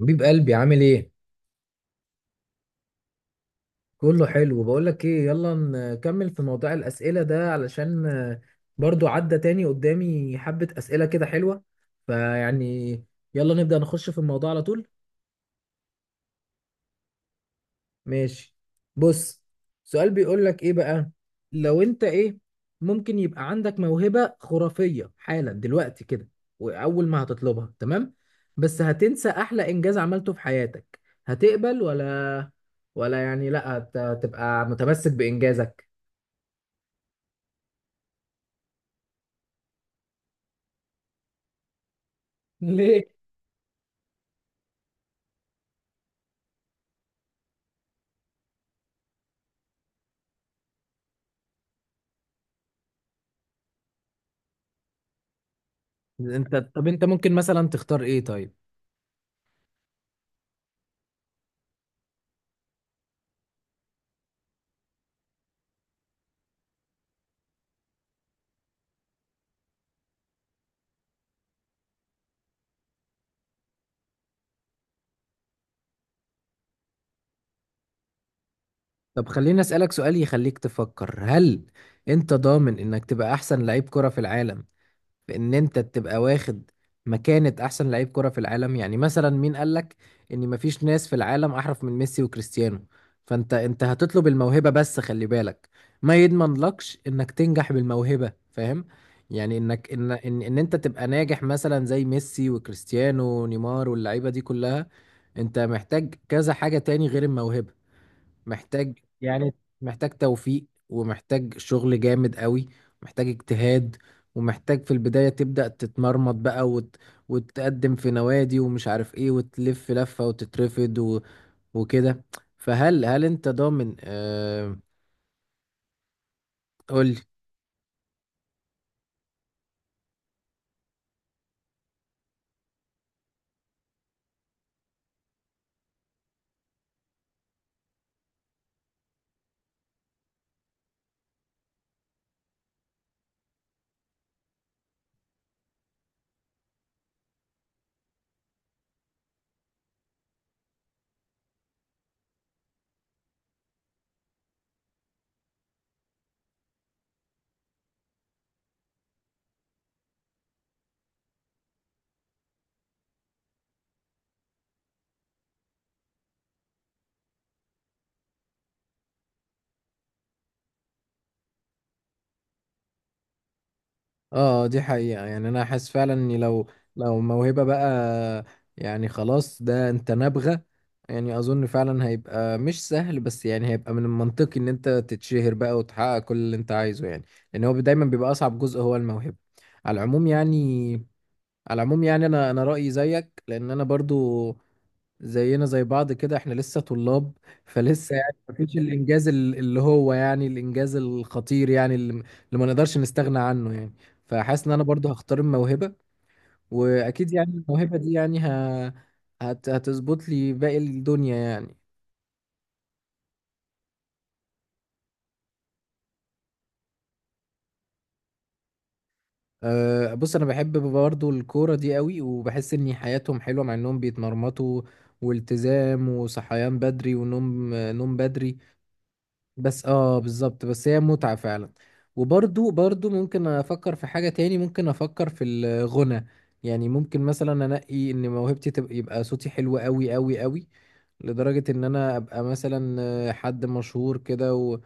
حبيب قلبي عامل ايه؟ كله حلو. بقول لك ايه، يلا نكمل في موضوع الأسئلة ده، علشان برضو عدى تاني قدامي حبة أسئلة كده حلوة. فيعني يلا نبدأ نخش في الموضوع على طول. ماشي، بص. سؤال بيقول لك ايه بقى، لو انت ايه ممكن يبقى عندك موهبة خرافية حالا دلوقتي كده، واول ما هتطلبها، تمام؟ بس هتنسى احلى انجاز عملته في حياتك، هتقبل ولا يعني لا تبقى متمسك بانجازك؟ ليه؟ طب انت ممكن مثلا تختار ايه طيب؟ طب خليني اسالك سؤال يخليك تفكر، هل انت ضامن انك تبقى احسن لعيب كرة في العالم، في ان انت تبقى واخد مكانة احسن لعيب كرة في العالم؟ يعني مثلا مين قالك ان مفيش ناس في العالم احرف من ميسي وكريستيانو؟ فانت هتطلب الموهبة، بس خلي بالك، ما يضمن لكش انك تنجح بالموهبة، فاهم؟ يعني انك إن انت تبقى ناجح مثلا زي ميسي وكريستيانو ونيمار واللعيبة دي كلها، انت محتاج كذا حاجة تاني غير الموهبة. محتاج يعني محتاج توفيق، ومحتاج شغل جامد قوي، محتاج اجتهاد، ومحتاج في البداية تبدأ تتمرمط بقى، وتقدم في نوادي ومش عارف ايه، وتلف لفة وتترفض وكده. هل انت ضامن قولي. اه، دي حقيقة. يعني انا حاسس فعلا اني لو موهبة بقى، يعني خلاص، ده انت نابغة. يعني اظن فعلا هيبقى مش سهل، بس يعني هيبقى من المنطقي ان انت تتشهر بقى وتحقق كل اللي انت عايزه، يعني لان هو دايما بيبقى اصعب جزء هو الموهبة. على العموم يعني على العموم يعني، انا رأيي زيك، لان انا برضو زينا زي بعض، كده احنا لسه طلاب، فلسه يعني مفيش الانجاز اللي هو يعني الانجاز الخطير، يعني اللي اللي ما نقدرش نستغنى عنه يعني. فحاسس ان انا برضو هختار الموهبة، واكيد يعني الموهبة دي يعني هتظبط لي باقي الدنيا يعني. أه بص، انا بحب برضو الكورة دي قوي، وبحس ان حياتهم حلوة مع انهم بيتمرمطوا والتزام وصحيان بدري ونوم نوم بدري. بس اه، بالظبط، بس هي متعة فعلا. وبرضو برضو ممكن افكر في حاجة تاني، ممكن افكر في الغنى. يعني ممكن مثلا انقي ان موهبتي يبقى صوتي حلو قوي قوي قوي، لدرجة ان انا ابقى مثلا حد مشهور كده، و...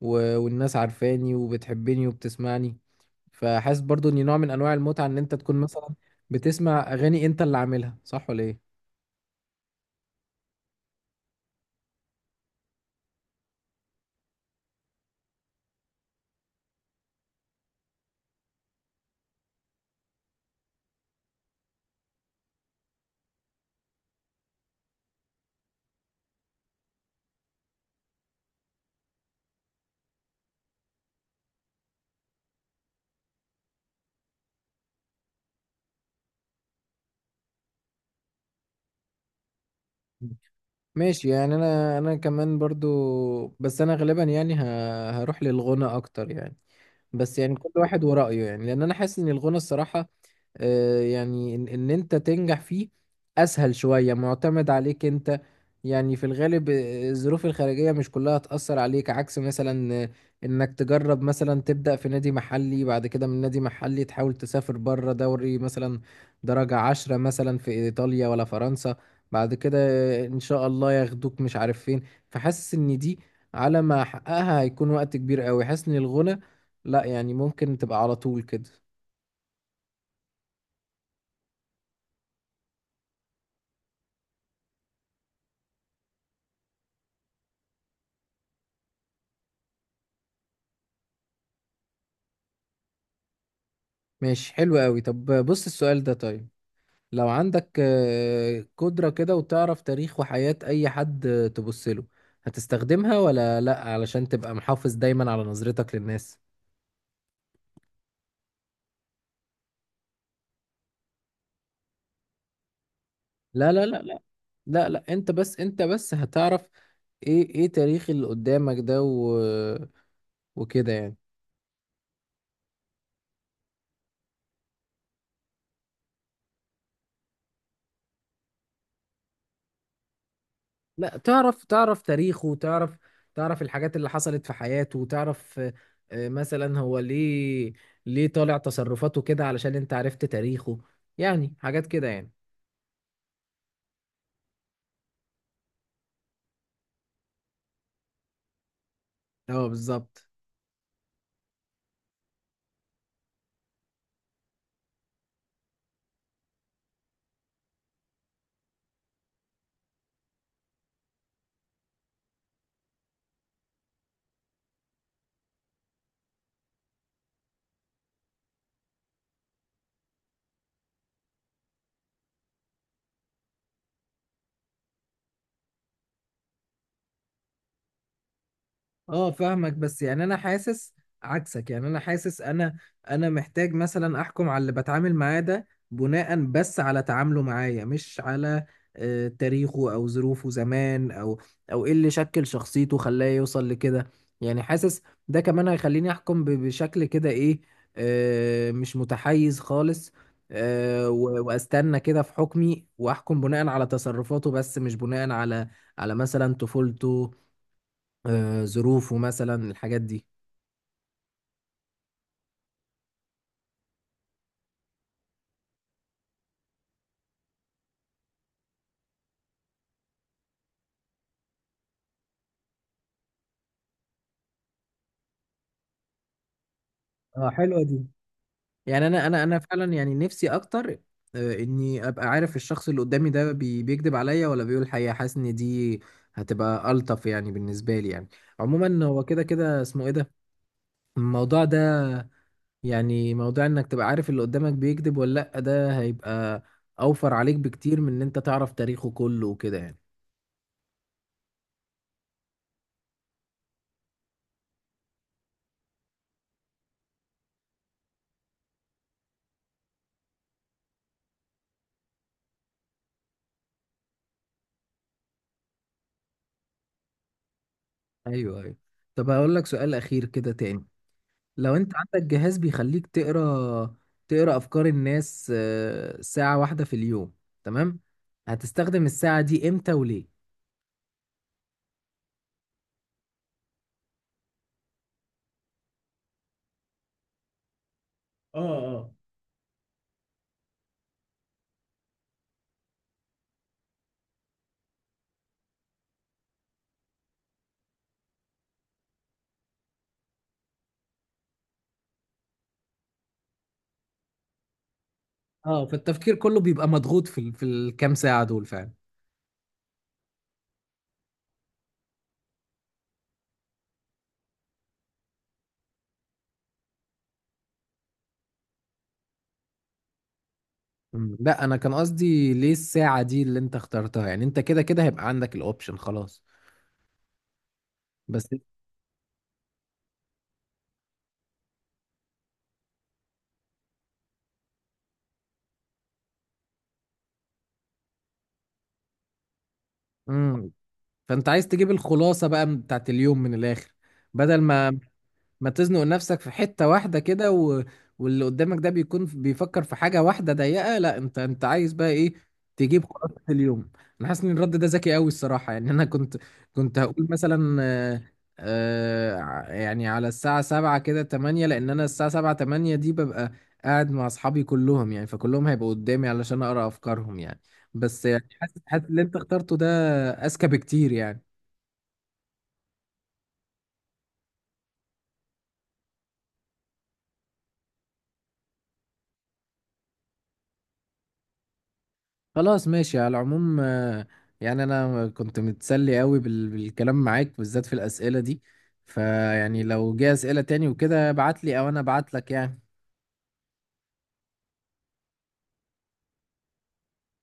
و... والناس عارفاني وبتحبني وبتسمعني. فحاسس برضو ان نوع من انواع المتعة ان انت تكون مثلا بتسمع اغاني انت اللي عاملها، صح ولا ايه؟ ماشي يعني انا انا كمان برضو، بس انا غالبا يعني هروح للغنى اكتر يعني. بس يعني كل واحد ورأيه. يعني لان انا حاسس ان الغنى، الصراحة، يعني إن انت تنجح فيه اسهل شوية، معتمد عليك انت. يعني في الغالب الظروف الخارجية مش كلها هتأثر عليك، عكس مثلا انك تجرب مثلا تبدأ في نادي محلي، بعد كده من نادي محلي تحاول تسافر بره، دوري مثلا درجة 10 مثلا في ايطاليا ولا فرنسا، بعد كده ان شاء الله ياخدوك مش عارف فين. فحاسس ان دي، على ما احققها، هيكون وقت كبير قوي. حاسس ان الغنى لا، يعني ممكن تبقى على طول كده. ماشي، حلو قوي. طب بص السؤال ده، طيب. لو عندك قدرة كده، وتعرف تاريخ وحياة أي حد تبص له، هتستخدمها ولا لأ علشان تبقى محافظ دايما على نظرتك للناس؟ لا لا لا لا، لا لا، انت بس هتعرف ايه تاريخ اللي قدامك ده وكده يعني. لا، تعرف تاريخه، تعرف الحاجات اللي حصلت في حياته، تعرف مثلا هو ليه طالع تصرفاته كده، علشان انت عرفت تاريخه. يعني حاجات كده يعني. اه، بالظبط. اه فاهمك، بس يعني انا حاسس عكسك. يعني انا حاسس، انا محتاج مثلا احكم على اللي بتعامل معاه ده بناء بس على تعامله معايا، مش على تاريخه او ظروفه زمان، او ايه اللي شكل شخصيته خلاه يوصل لكده. يعني حاسس ده كمان هيخليني احكم بشكل كده ايه، مش متحيز خالص. واستنى كده في حكمي، واحكم بناء على تصرفاته، بس مش بناء على مثلا طفولته، ظروفه، مثلا الحاجات دي. اه، حلوة دي. يعني انا فعلا يعني نفسي اكتر اني ابقى عارف الشخص اللي قدامي ده بيكذب عليا ولا بيقول الحقيقه. حاسس ان دي هتبقى الطف يعني بالنسبه لي يعني. عموما هو كده كده اسمه ايه ده، الموضوع ده، يعني موضوع انك تبقى عارف اللي قدامك بيكذب ولا لا، ده هيبقى اوفر عليك بكتير من ان انت تعرف تاريخه كله وكده يعني. ايوه ايوه. طب هقول لك سؤال اخير كده تاني. لو انت عندك جهاز بيخليك تقرا افكار الناس ساعة واحدة في اليوم، تمام، هتستخدم الساعة دي امتى وليه؟ اه اه اه، فالتفكير كله بيبقى مضغوط في في الكام ساعة دول فعلا. لا، انا كان قصدي ليه الساعة دي اللي انت اخترتها، يعني انت كده كده هيبقى عندك الاوبشن خلاص. بس امم فانت عايز تجيب الخلاصة بقى بتاعت اليوم من الاخر، بدل ما تزنق نفسك في حتة واحدة كده، واللي قدامك ده بيكون بيفكر في حاجة واحدة ضيقة. لا انت عايز بقى ايه، تجيب خلاصة اليوم. انا حاسس ان الرد ده ذكي قوي الصراحة. يعني انا كنت كنت هقول مثلا يعني على الساعة 7 كده 8، لان انا الساعة 7 8 دي ببقى قاعد مع اصحابي كلهم، يعني فكلهم هيبقوا قدامي علشان اقرا افكارهم يعني. بس يعني حاسس اللي انت اخترته ده اذكى بكتير يعني. خلاص، ماشي. على العموم يعني انا كنت متسلي قوي بالكلام معاك بالذات في الاسئله دي. فيعني لو جه اسئله تاني وكده، ابعت لي او انا ابعت لك يعني.